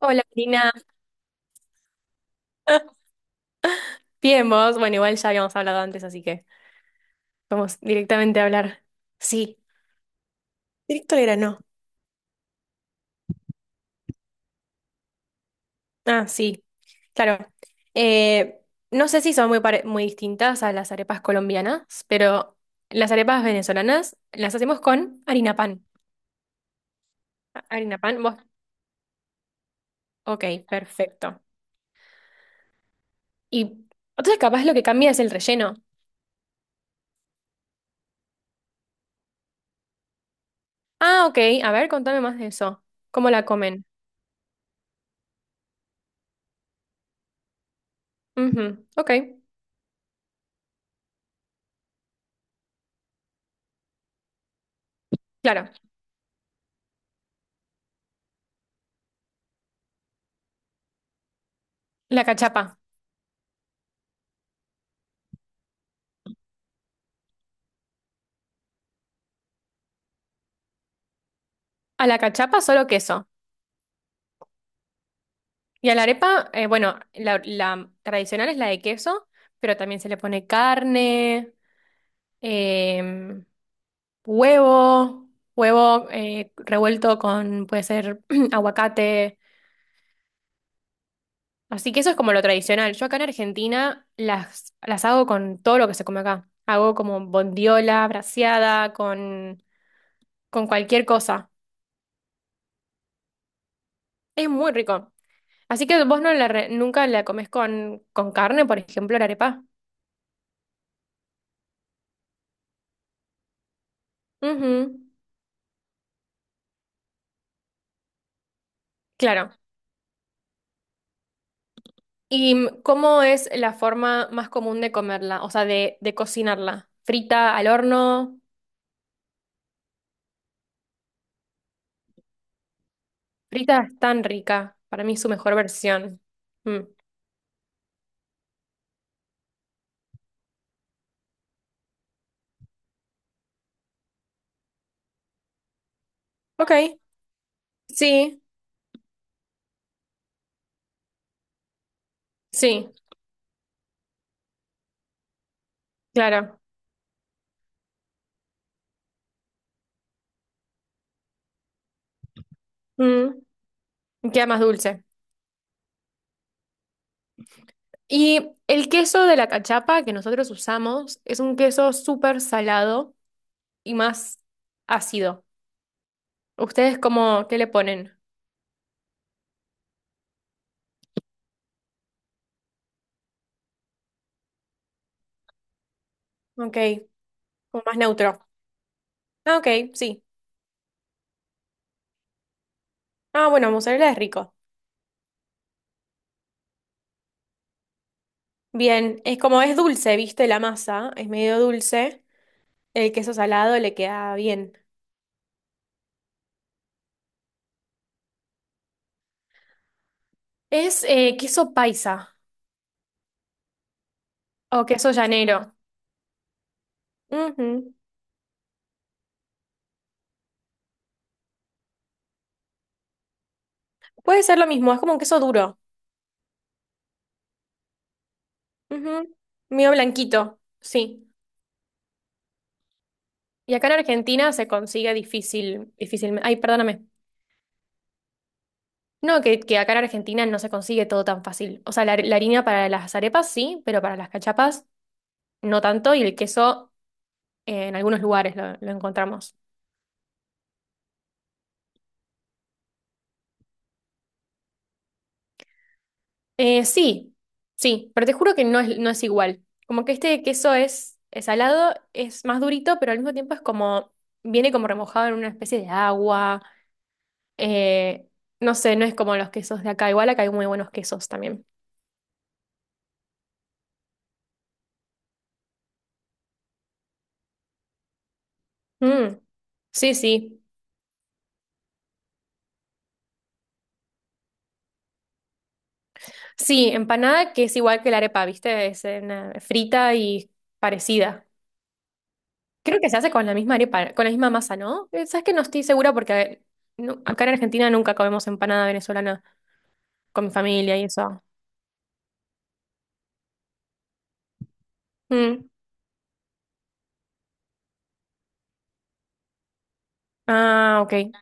Hola, Marina. Bien, vos. Bueno, igual ya habíamos hablado antes, así que vamos directamente a hablar. Sí, directo al grano. Ah, sí, claro. Eh, no sé si son muy, muy distintas a las arepas colombianas, pero las arepas venezolanas las hacemos con harina pan. Ah, harina pan, vos. Ok, perfecto. Y entonces capaz lo que cambia es el relleno. Ah, ok. A ver, contame más de eso. ¿Cómo la comen? Ujú, ok, claro. La cachapa. A la cachapa solo queso. Y a la arepa, bueno, la tradicional es la de queso, pero también se le pone carne, em, huevo, huevo revuelto con, puede ser, aguacate. Así que eso es como lo tradicional. Yo acá en Argentina las hago con todo lo que se come acá. Hago como bondiola, braseada, con cualquier cosa. Es muy rico. Así que vos no la nunca la comes con carne, por ejemplo, la arepa. Ujú, claro. ¿Y cómo es la forma más común de comerla? O sea, de cocinarla. ¿Frita al horno? Frita es tan rica. Para mí es su mejor versión. Mm. Ok. Sí, sí, claro. Mm. Y queda más dulce. Y el queso de la cachapa que nosotros usamos es un queso súper salado y más ácido. ¿Ustedes cómo, qué le ponen? Ok, como más neutro. Ah, ok, sí. Ah, bueno, mozzarella es rico. Bien, es como es dulce, viste, la masa, es medio dulce, el queso salado le queda bien. Es queso paisa o queso llanero. Ujú. Puede ser lo mismo, es como un queso duro. Ujú. Medio blanquito, sí. Y acá en Argentina se consigue difícil, difícil. Ay, perdóname. No, que acá en Argentina no se consigue todo tan fácil. O sea, la harina para las arepas sí, pero para las cachapas no tanto, y el queso en algunos lugares lo encontramos. Sí, sí, pero te juro que no es, no es igual. Como que este queso es salado, es más durito, pero al mismo tiempo es como, viene como remojado en una especie de agua. Eh, no sé, no es como los quesos de acá. Igual acá hay muy buenos quesos también. Mm, sí, sí. Sí, empanada que es igual que la arepa, ¿viste? Es una- frita y parecida. Creo que se hace con la misma arepa, con la misma masa, ¿no? Sabes que no estoy segura porque no- acá en Argentina nunca comemos empanada venezolana con mi familia y eso. Mm. Ah, ok.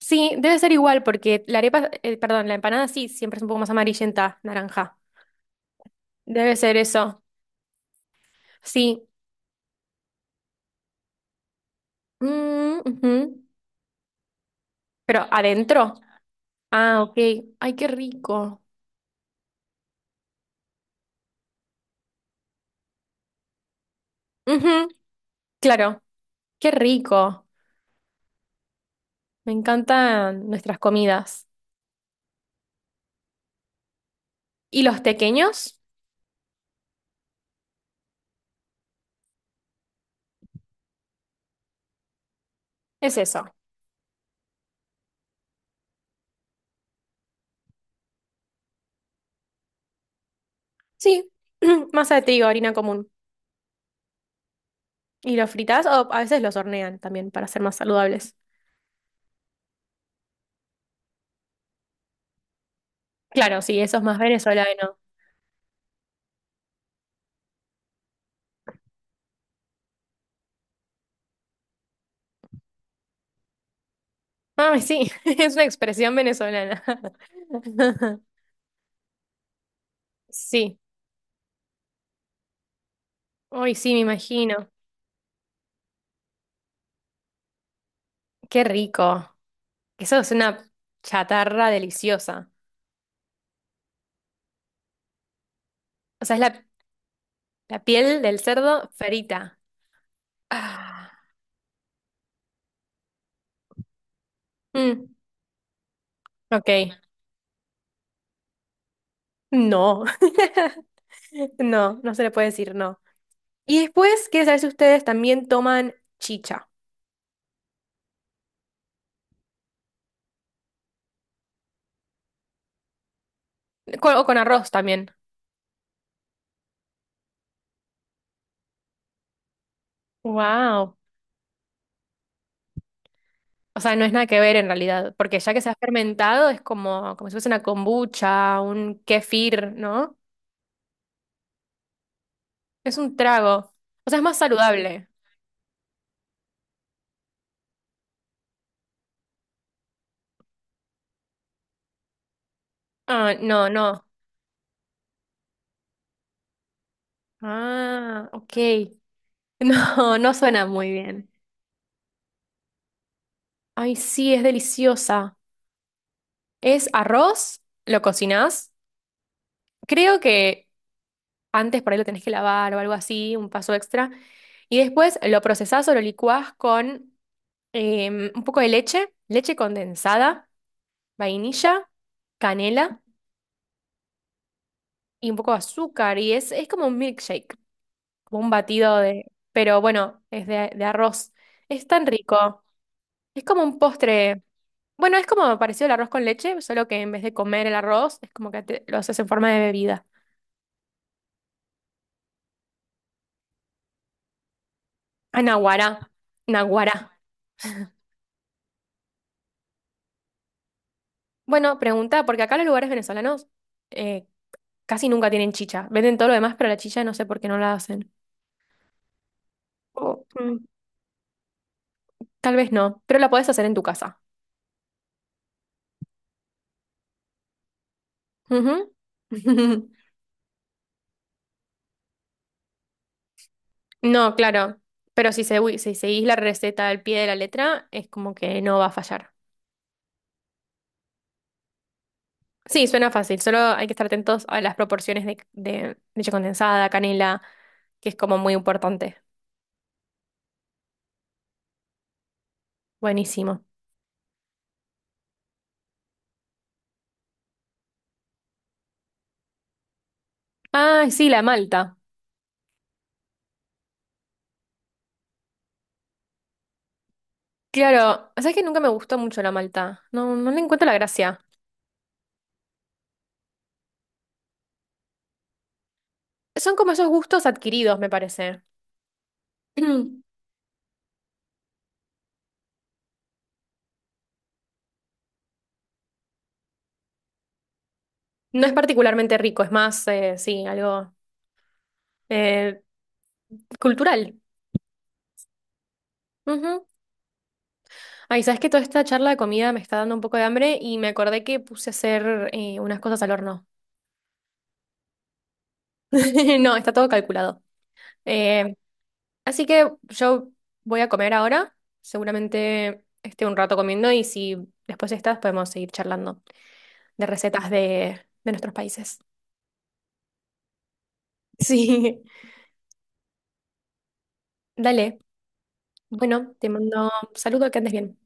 Sí, debe ser igual porque la arepa, perdón, la empanada sí, siempre es un poco más amarillenta, naranja. Debe ser eso. Sí. Mm, ujú. Pero adentro. Ah, ok. Ay, qué rico. Ujú, claro, qué rico. Me encantan nuestras comidas. ¿Y los tequeños? Es eso. Sí, masa de trigo, harina común. ¿Y los fritas? O a veces los hornean también para ser más saludables. Claro, sí, eso es más venezolano. Ay, sí, es una expresión venezolana. Sí, hoy sí, me imagino. Qué rico. Eso es una chatarra deliciosa. O sea, es la, la piel del cerdo frita. Ah, mm, ok, no. No, no se le puede decir no. Y después, quiero saber si ustedes también toman chicha. O con arroz también. Wow. O sea, no es nada que ver en realidad, porque ya que se ha fermentado es como, como si fuese una kombucha, un kefir, ¿no? Es un trago. O sea, es más saludable. Ah, no, no. Ah, ok. No, no suena muy bien. Ay, sí, es deliciosa. Es arroz, lo cocinás. Creo que antes por ahí lo tenés que lavar o algo así, un paso extra. Y después lo procesás o lo licuás con un poco de leche, leche condensada, vainilla, canela y un poco de azúcar. Y es como un milkshake, como un batido de... Pero bueno, es de arroz. Es tan rico. Es como un postre. Bueno, es como parecido al arroz con leche, solo que en vez de comer el arroz, es como que lo haces en forma de bebida. Ah, naguará. Naguará. Bueno, pregunta, porque acá los lugares venezolanos eh, casi nunca tienen chicha. Venden todo lo demás, pero la chicha no sé por qué no la hacen. O, mm, tal vez no, pero la podés hacer en tu casa. Ujú. No, claro, pero si, si seguís la receta al pie de la letra, es como que no va a fallar. Sí, suena fácil, solo hay que estar atentos a las proporciones de leche condensada, canela, que es como muy importante. Buenísimo. Ah, sí, la malta. Claro, sabes que nunca me gustó mucho la malta. No, no le encuentro la gracia. Son como esos gustos adquiridos, me parece. No es particularmente rico, es más, sí, algo eh, cultural. Ay, sabes que toda esta charla de comida me está dando un poco de hambre y me acordé que puse a hacer unas cosas al horno. No, está todo calculado. Eh, Así que yo voy a comer ahora. Seguramente esté un rato comiendo y si después estás podemos seguir charlando de recetas de nuestros países. Sí. Dale. Bueno, te mando un saludo, que andes bien.